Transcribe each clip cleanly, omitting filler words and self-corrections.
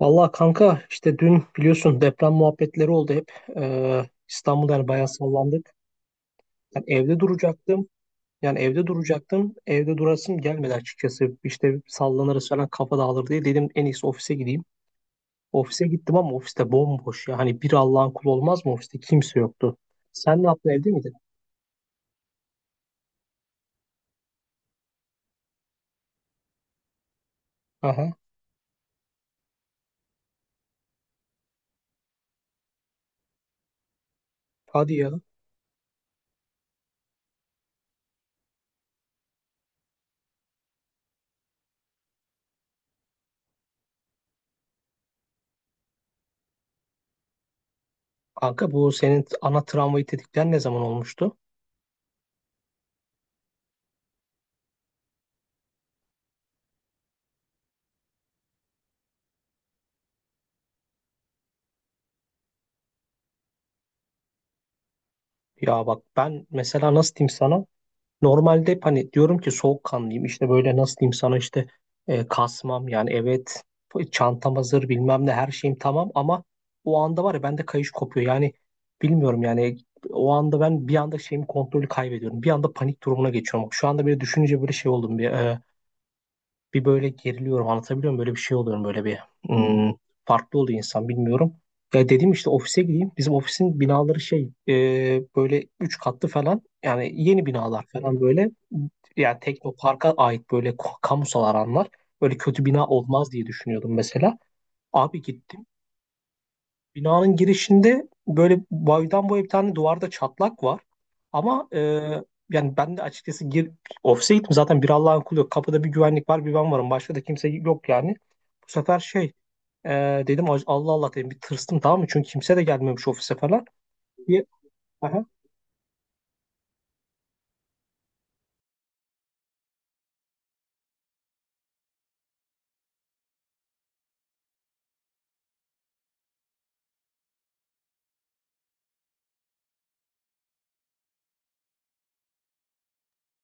Valla kanka işte dün biliyorsun deprem muhabbetleri oldu hep. İstanbul'da yani bayağı sallandık. Yani evde duracaktım. Yani evde duracaktım. Evde durasım gelmedi açıkçası. İşte sallanırız falan kafa dağılır diye dedim en iyisi ofise gideyim. Ofise gittim ama ofiste bomboş ya. Hani bir Allah'ın kulu olmaz mı ofiste? Kimse yoktu. Sen ne yaptın, evde miydin? Aha. Hadi ya. Kanka bu senin ana travmayı tetikleyen ne zaman olmuştu? Ya bak ben mesela nasıl diyeyim sana? Normalde hep hani diyorum ki soğukkanlıyım işte, böyle nasıl diyeyim sana, işte kasmam yani, evet çantam hazır bilmem ne her şeyim tamam, ama o anda var ya bende kayış kopuyor yani, bilmiyorum yani, o anda ben bir anda şeyimi kontrolü kaybediyorum, bir anda panik durumuna geçiyorum, şu anda böyle düşününce böyle şey oldum, bir böyle geriliyorum, anlatabiliyor muyum? Böyle bir şey oluyorum, böyle bir hmm, farklı oluyor insan, bilmiyorum. Ya dedim işte ofise gideyim. Bizim ofisin binaları böyle 3 katlı falan, yani yeni binalar falan, böyle yani Teknopark'a ait böyle kamusal alanlar, böyle kötü bina olmaz diye düşünüyordum mesela. Abi gittim. Binanın girişinde böyle boydan boya bir tane duvarda çatlak var. Ama yani ben de açıkçası ofise gittim, zaten bir Allah'ın kulu yok. Kapıda bir güvenlik var, bir ben varım. Başka da kimse yok yani. Bu sefer e, dedim "Ay, Allah Allah," dedim, bir tırstım, tamam mı? Çünkü kimse de gelmemiş ofise falan. Bir, aha.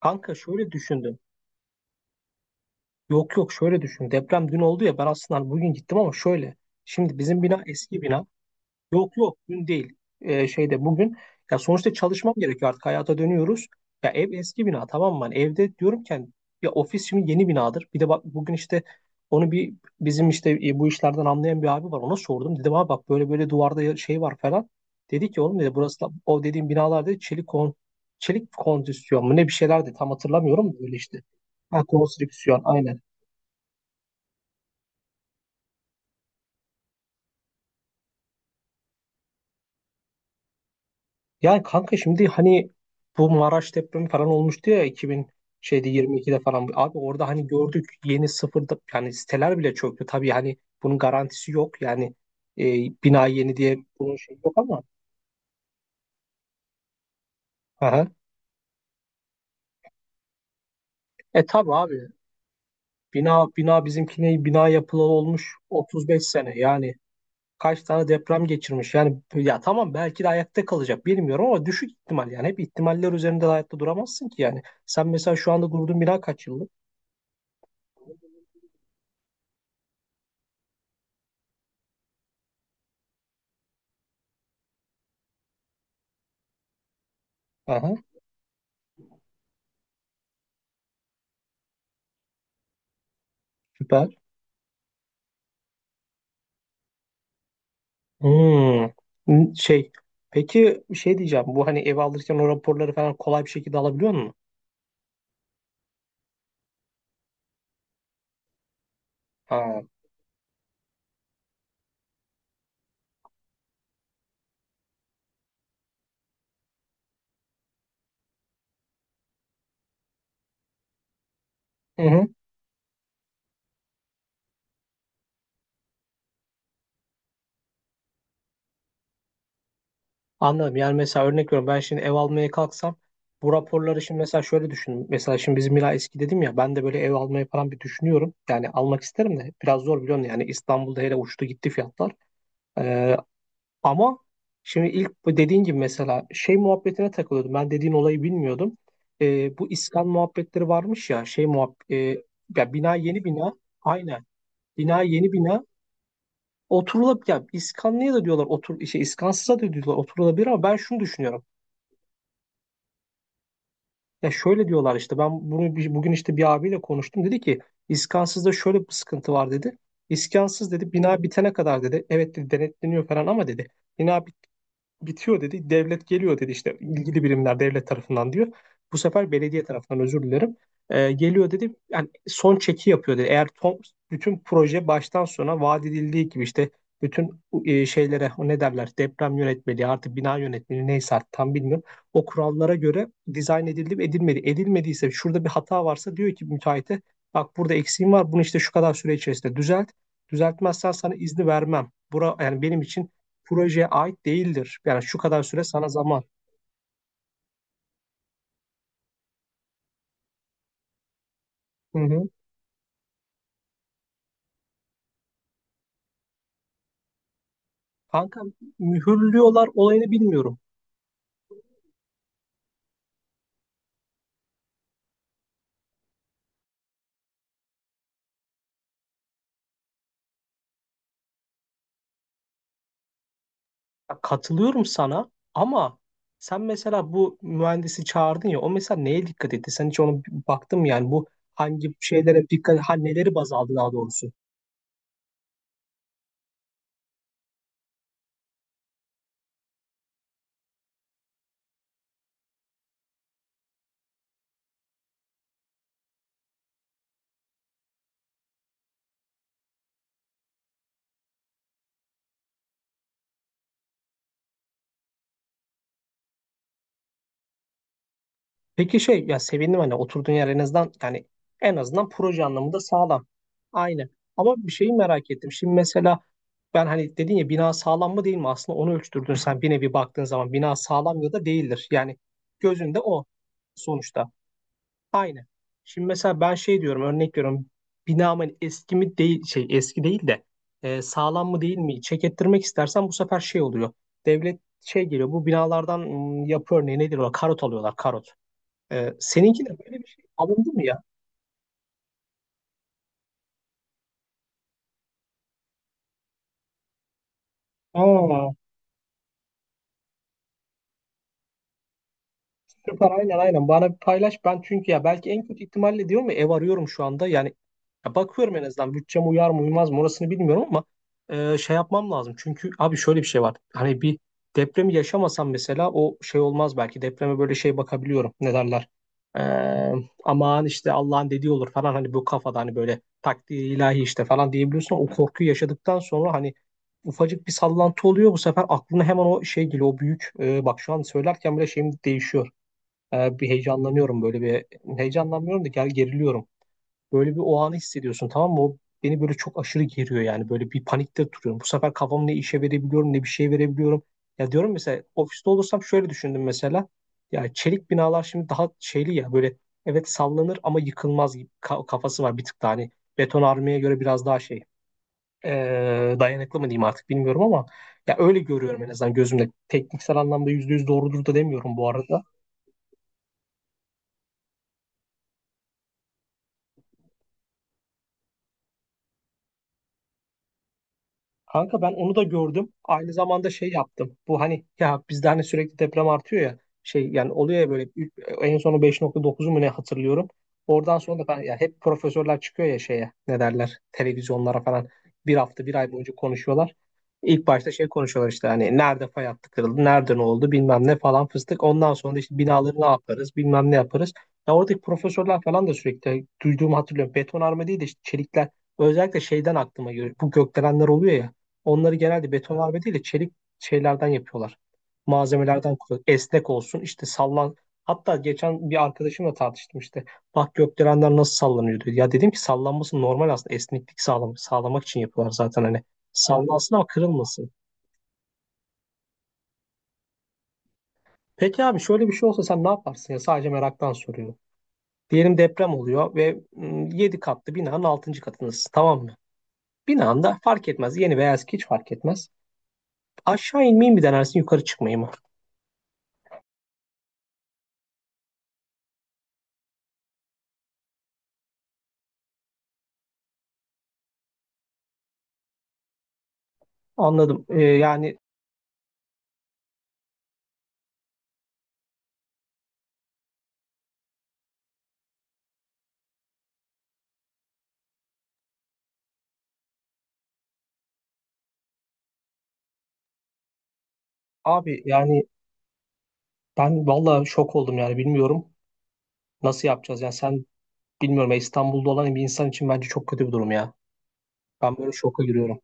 Kanka şöyle düşündüm. Yok yok, şöyle düşün. Deprem dün oldu ya, ben aslında hani bugün gittim ama şöyle. Şimdi bizim bina eski bina. Yok yok, dün değil. Şeyde, bugün. Ya sonuçta çalışmam gerekiyor, artık hayata dönüyoruz. Ya ev eski bina, tamam mı? Hani evde diyorumken, ya ofis şimdi yeni binadır. Bir de bak bugün işte onu bir, bizim işte bu işlerden anlayan bir abi var, ona sordum. Dedim abi bak böyle böyle duvarda şey var falan. Dedi ki oğlum, dedi burası o dediğim binalarda çelik kondisyon mu ne, bir şeylerdi, tam hatırlamıyorum da öyle işte. Ha, konstrüksiyon, aynen. Yani kanka şimdi hani bu Maraş depremi falan olmuştu ya, 2000 şeyde 22'de falan. Abi orada hani gördük, yeni sıfırda yani siteler bile çöktü. Tabii hani bunun garantisi yok. Yani e, bina yeni diye bunun şey yok ama. Aha. E tabii abi, bina bina bizimkine bina yapılalı olmuş 35 sene. Yani kaç tane deprem geçirmiş. Yani ya tamam, belki de ayakta kalacak bilmiyorum, ama düşük ihtimal, yani hep ihtimaller üzerinde de hayatta duramazsın ki yani. Sen mesela şu anda durduğun bina kaç yıllık? Aha, süper. Hmm. N- Şey, peki bir şey diyeceğim. Bu hani ev alırken o raporları falan kolay bir şekilde alabiliyor musun? Ha. Hı hı. Anladım. Yani mesela örnek veriyorum, ben şimdi ev almaya kalksam bu raporları, şimdi mesela şöyle düşünün. Mesela şimdi bizim Mila eski dedim ya, ben de böyle ev almayı falan bir düşünüyorum. Yani almak isterim de biraz zor, biliyorsun yani, İstanbul'da hele uçtu gitti fiyatlar. Ee, Ama şimdi ilk bu dediğin gibi mesela şey muhabbetine takılıyordum. Ben dediğin olayı bilmiyordum. Bu iskan muhabbetleri varmış ya, ya bina yeni bina, aynen, bina yeni bina oturulup, ya iskanlıya da diyorlar otur, iskansıza da diyorlar oturulabilir, ama ben şunu düşünüyorum. Ya şöyle diyorlar işte, ben bunu bugün işte bir abiyle konuştum, dedi ki iskansızda şöyle bir sıkıntı var, dedi. İskansız, dedi, bina bitene kadar, dedi, evet, dedi, denetleniyor falan ama, dedi, bina bitiyor, dedi. Devlet geliyor, dedi, işte ilgili birimler devlet tarafından, diyor. Bu sefer belediye tarafından, özür dilerim. Geliyor, dedi. Yani son çeki yapıyor, dedi. Eğer bütün proje baştan sona vaat edildiği gibi işte bütün şeylere, o ne derler, deprem yönetmeliği, artık bina yönetmeliği neyse artık, tam bilmiyorum. O kurallara göre dizayn edildi mi edilmedi. Edilmediyse şurada bir hata varsa diyor ki müteahhite, bak burada eksiğim var, bunu işte şu kadar süre içerisinde düzelt. Düzeltmezsen sana izni vermem. Bura yani benim için projeye ait değildir. Yani şu kadar süre sana zaman. Hı hı. Kanka mühürlüyorlar olayını bilmiyorum. Ya katılıyorum sana ama sen mesela bu mühendisi çağırdın ya, o mesela neye dikkat etti? Sen hiç onu baktın mı? Yani bu hangi şeylere dikkat, ha, neleri baz aldı daha doğrusu. Peki ya, sevindim hani oturduğun yer en azından, yani en azından proje anlamında sağlam. Aynı. Ama bir şeyi merak ettim. Şimdi mesela ben hani dedin ya, bina sağlam mı değil mi? Aslında onu ölçtürdün sen, bir nevi baktığın zaman bina sağlam ya da değildir. Yani gözünde o, sonuçta. Aynı. Şimdi mesela ben şey diyorum, örnek veriyorum, binamın eski mi değil, eski değil de, sağlam mı değil mi çek ettirmek istersen, bu sefer şey oluyor. Devlet şey geliyor bu binalardan, yapı örneği nedir o, karot alıyorlar, karot. Seninki de böyle bir şey alındı mı ya? Aa, süper, aynen aynen. Bana bir paylaş. Ben çünkü ya, belki en kötü ihtimalle diyorum, ya ev arıyorum şu anda. Yani ya bakıyorum, en azından bütçem uyar mı uymaz mı orasını bilmiyorum ama şey yapmam lazım. Çünkü abi şöyle bir şey var. Hani bir depremi yaşamasam mesela, o şey olmaz belki. Depreme böyle şey bakabiliyorum. Ne derler? Ee, aman işte Allah'ın dediği olur falan, hani bu kafada, hani böyle takdir ilahi işte falan diyebiliyorsun, ama o korkuyu yaşadıktan sonra hani ufacık bir sallantı oluyor, bu sefer aklına hemen o şey geliyor, o büyük. Bak şu an söylerken bile şeyim değişiyor. Bir heyecanlanıyorum böyle bir. Heyecanlanmıyorum da gel geriliyorum. Böyle bir o anı hissediyorsun, tamam mı? O beni böyle çok aşırı geriyor yani. Böyle bir panikte duruyorum. Bu sefer kafamı ne işe verebiliyorum, ne bir şey verebiliyorum. Ya diyorum mesela ofiste olursam, şöyle düşündüm mesela. Ya çelik binalar şimdi daha şeyli ya, böyle evet sallanır ama yıkılmaz gibi, kafası var, bir tık daha hani beton armaya göre biraz daha e, dayanıklı mı diyeyim artık, bilmiyorum ama, ya öyle görüyorum en azından gözümde. Tekniksel anlamda %100 doğrudur da demiyorum bu arada. Kanka ben onu da gördüm. Aynı zamanda şey yaptım. Bu hani ya, bizde hani sürekli deprem artıyor ya. Şey yani oluyor ya böyle en sonu 5.9'u mu ne hatırlıyorum. Oradan sonra da ya hep profesörler çıkıyor ya şeye, ne derler, televizyonlara falan bir hafta bir ay boyunca konuşuyorlar. İlk başta şey konuşuyorlar, işte hani nerede fay hattı kırıldı, nerede ne oldu bilmem ne falan fıstık. Ondan sonra da işte binaları ne yaparız bilmem ne yaparız. Ya oradaki profesörler falan da sürekli duyduğumu hatırlıyorum. Betonarme değil de işte çelikler, özellikle şeyden aklıma geliyor. Bu gökdelenler oluyor ya. Onları genelde beton harbe değil de çelik şeylerden yapıyorlar. Malzemelerden kullan. Esnek olsun işte sallan. Hatta geçen bir arkadaşımla tartıştım işte. Bak gökdelenler nasıl sallanıyor, diyor. Ya dedim ki, sallanması normal aslında. Esneklik sağlamak için yapıyorlar zaten hani. Sallansın ama kırılmasın. Peki abi şöyle bir şey olsa sen ne yaparsın ya? Sadece meraktan soruyorum. Diyelim deprem oluyor ve 7 katlı binanın altıncı katındasın, tamam mı? Binanda fark etmez. Yeni veya eski hiç fark etmez. Aşağı inmeyi mi denersin, yukarı çıkmayı mı? Anladım. Yani abi yani, ben valla şok oldum yani, bilmiyorum nasıl yapacağız. Yani sen, bilmiyorum ya, İstanbul'da olan bir insan için bence çok kötü bir durum ya. Ben böyle şoka giriyorum.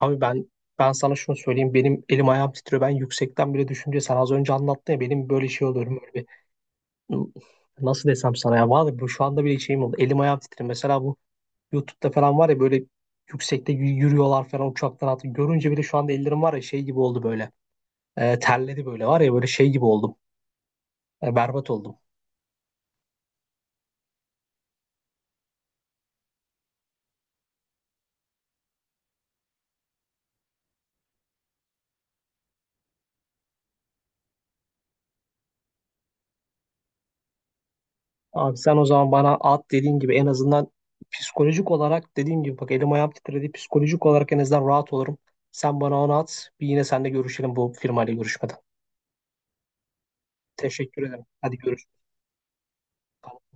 Abi ben sana şunu söyleyeyim, benim elim ayağım titriyor. Ben yüksekten bile düşünce, sen az önce anlattın ya, benim böyle şey oluyorum, böyle bir nasıl desem sana, ya valla bu şu anda bile şeyim oldu. Elim ayağım titriyor. Mesela bu YouTube'da falan var ya, böyle yüksekte yürüyorlar falan, uçaktan atı. Görünce bile şu anda ellerim var ya, şey gibi oldu böyle. Terledi böyle, var ya, böyle şey gibi oldum. Berbat oldum. Abi sen o zaman bana at dediğin gibi, en azından psikolojik olarak, dediğim gibi bak elim ayağım titredi. Psikolojik olarak en azından rahat olurum. Sen bana onu at. Bir yine seninle görüşelim bu firmayla görüşmeden. Teşekkür ederim. Hadi görüşürüz.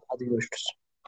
Hadi görüşürüz.